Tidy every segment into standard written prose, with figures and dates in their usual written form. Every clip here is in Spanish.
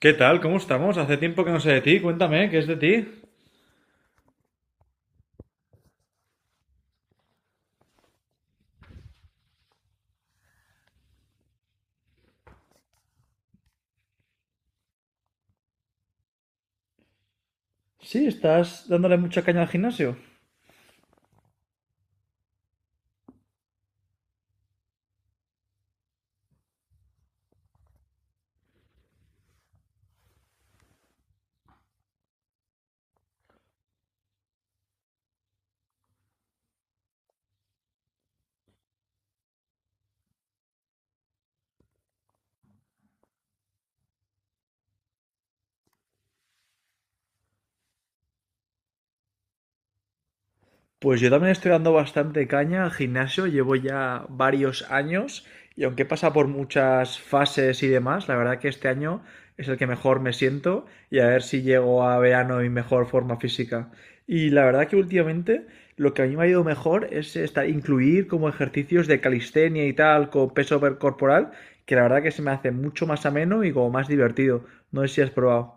¿Qué tal? ¿Cómo estamos? Hace tiempo que no sé de ti. Cuéntame, ¿qué es de ti? Sí, estás dándole mucha caña al gimnasio. Pues yo también estoy dando bastante caña al gimnasio, llevo ya varios años y aunque pasa por muchas fases y demás, la verdad que este año es el que mejor me siento y a ver si llego a verano en mejor forma física. Y la verdad que últimamente lo que a mí me ha ido mejor es incluir como ejercicios de calistenia y tal con peso corporal, que la verdad que se me hace mucho más ameno y como más divertido. No sé si has probado.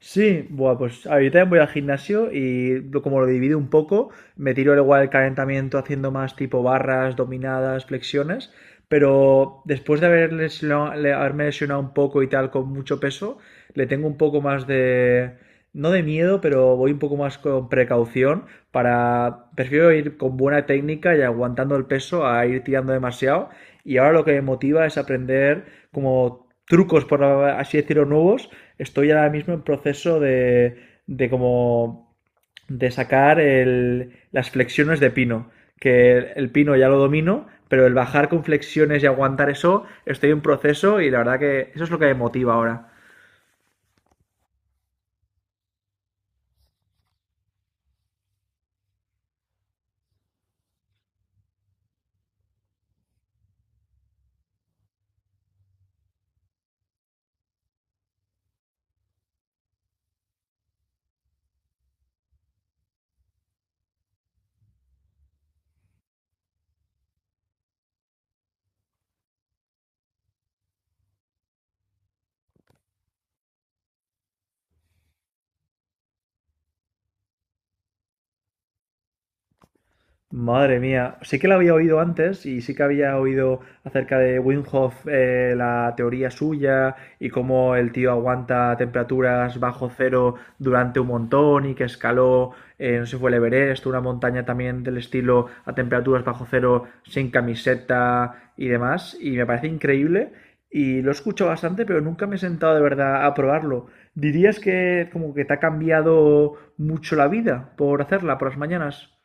Sí, bueno, pues ahorita voy al gimnasio y como lo divido un poco, me tiro al igual el calentamiento haciendo más tipo barras, dominadas, flexiones, pero después de haberme lesionado un poco y tal con mucho peso, le tengo un poco más de, no de miedo, pero voy un poco más con precaución para, prefiero ir con buena técnica y aguantando el peso a ir tirando demasiado y ahora lo que me motiva es aprender como trucos, por así decirlo, nuevos. Estoy ahora mismo en proceso de como de sacar las flexiones de pino, que el pino ya lo domino, pero el bajar con flexiones y aguantar eso, estoy en proceso y la verdad que eso es lo que me motiva ahora. Madre mía, sí que la había oído antes y sí que había oído acerca de Wim Hof, la teoría suya y cómo el tío aguanta temperaturas bajo cero durante un montón y que escaló, no sé si fue el Everest, una montaña también del estilo a temperaturas bajo cero sin camiseta y demás. Y me parece increíble y lo he escuchado bastante, pero nunca me he sentado de verdad a probarlo. ¿Dirías que como que te ha cambiado mucho la vida por hacerla por las mañanas?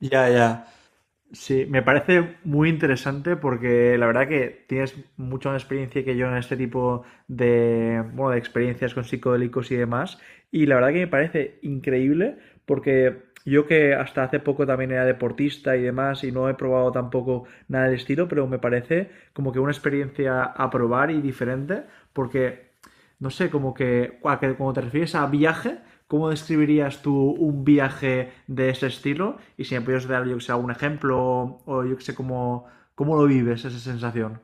Ya, ya. Sí, me parece muy interesante porque la verdad que tienes mucha más experiencia que yo en este tipo de, bueno, de experiencias con psicodélicos y demás. Y la verdad que me parece increíble porque yo que hasta hace poco también era deportista y demás y no he probado tampoco nada del estilo, pero me parece como que una experiencia a probar y diferente porque no sé, como que cuando te refieres a viaje, ¿cómo describirías tú un viaje de ese estilo? Y si me pudieras dar, yo que sé, algún ejemplo o yo que sé, cómo lo vives esa sensación.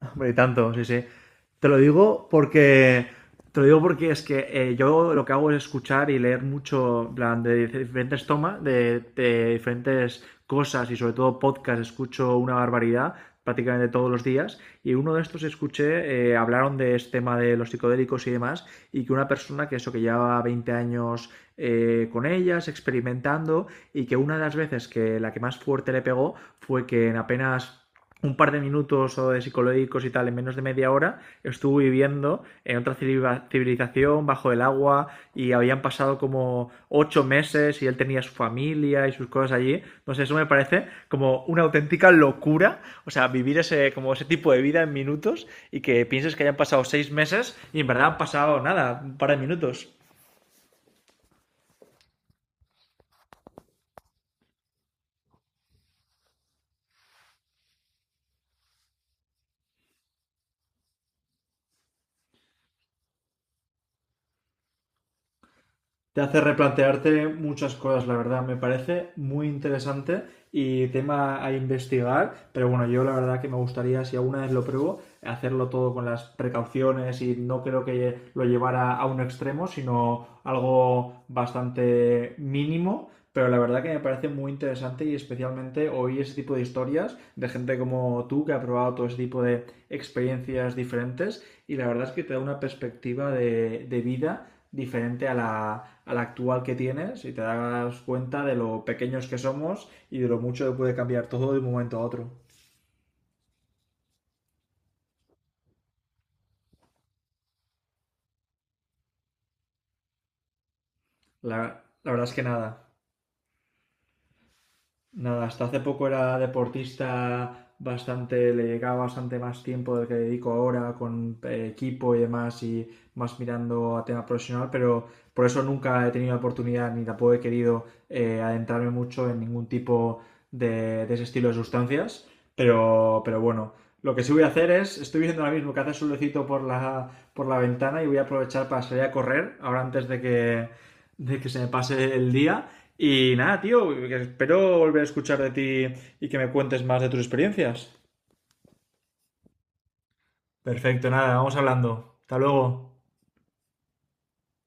Hombre, y tanto, sí, sí. Te lo digo porque. Te lo digo porque es que yo lo que hago es escuchar y leer mucho, en plan, de diferentes tomas, de diferentes cosas y sobre todo podcast, escucho una barbaridad prácticamente todos los días y uno de estos escuché, hablaron de este tema de los psicodélicos y demás y que una persona que eso que lleva 20 años con ellas, experimentando y que una de las veces que la que más fuerte le pegó fue que en apenas un par de minutos o de psicológicos y tal, en menos de media hora, estuvo viviendo en otra civilización, bajo el agua, y habían pasado como 8 meses y él tenía su familia y sus cosas allí. No sé, eso me parece como una auténtica locura, o sea, vivir ese, como ese tipo de vida en minutos y que pienses que hayan pasado 6 meses y en verdad han pasado nada, un par de minutos. Te hace replantearte muchas cosas, la verdad. Me parece muy interesante y tema a investigar. Pero bueno, yo la verdad que me gustaría, si alguna vez lo pruebo, hacerlo todo con las precauciones y no creo que lo llevara a un extremo, sino algo bastante mínimo. Pero la verdad que me parece muy interesante y especialmente oír ese tipo de historias de gente como tú que ha probado todo ese tipo de experiencias diferentes y la verdad es que te da una perspectiva de vida diferente a la actual que tienes y te das cuenta de lo pequeños que somos y de lo mucho que puede cambiar todo de un momento a otro. La, la verdad es que nada. Nada, hasta hace poco era deportista bastante, le llegaba bastante más tiempo del que dedico ahora con equipo y demás y más mirando a tema profesional, pero por eso nunca he tenido la oportunidad ni tampoco he querido adentrarme mucho en ningún tipo de ese estilo de sustancias, pero bueno, lo que sí voy a hacer es, estoy viendo ahora mismo que hace solecito por la ventana y voy a aprovechar para salir a correr ahora antes de que se me pase el día y nada, tío, espero volver a escuchar de ti y que me cuentes más de tus experiencias. Perfecto, nada, vamos hablando. Hasta luego.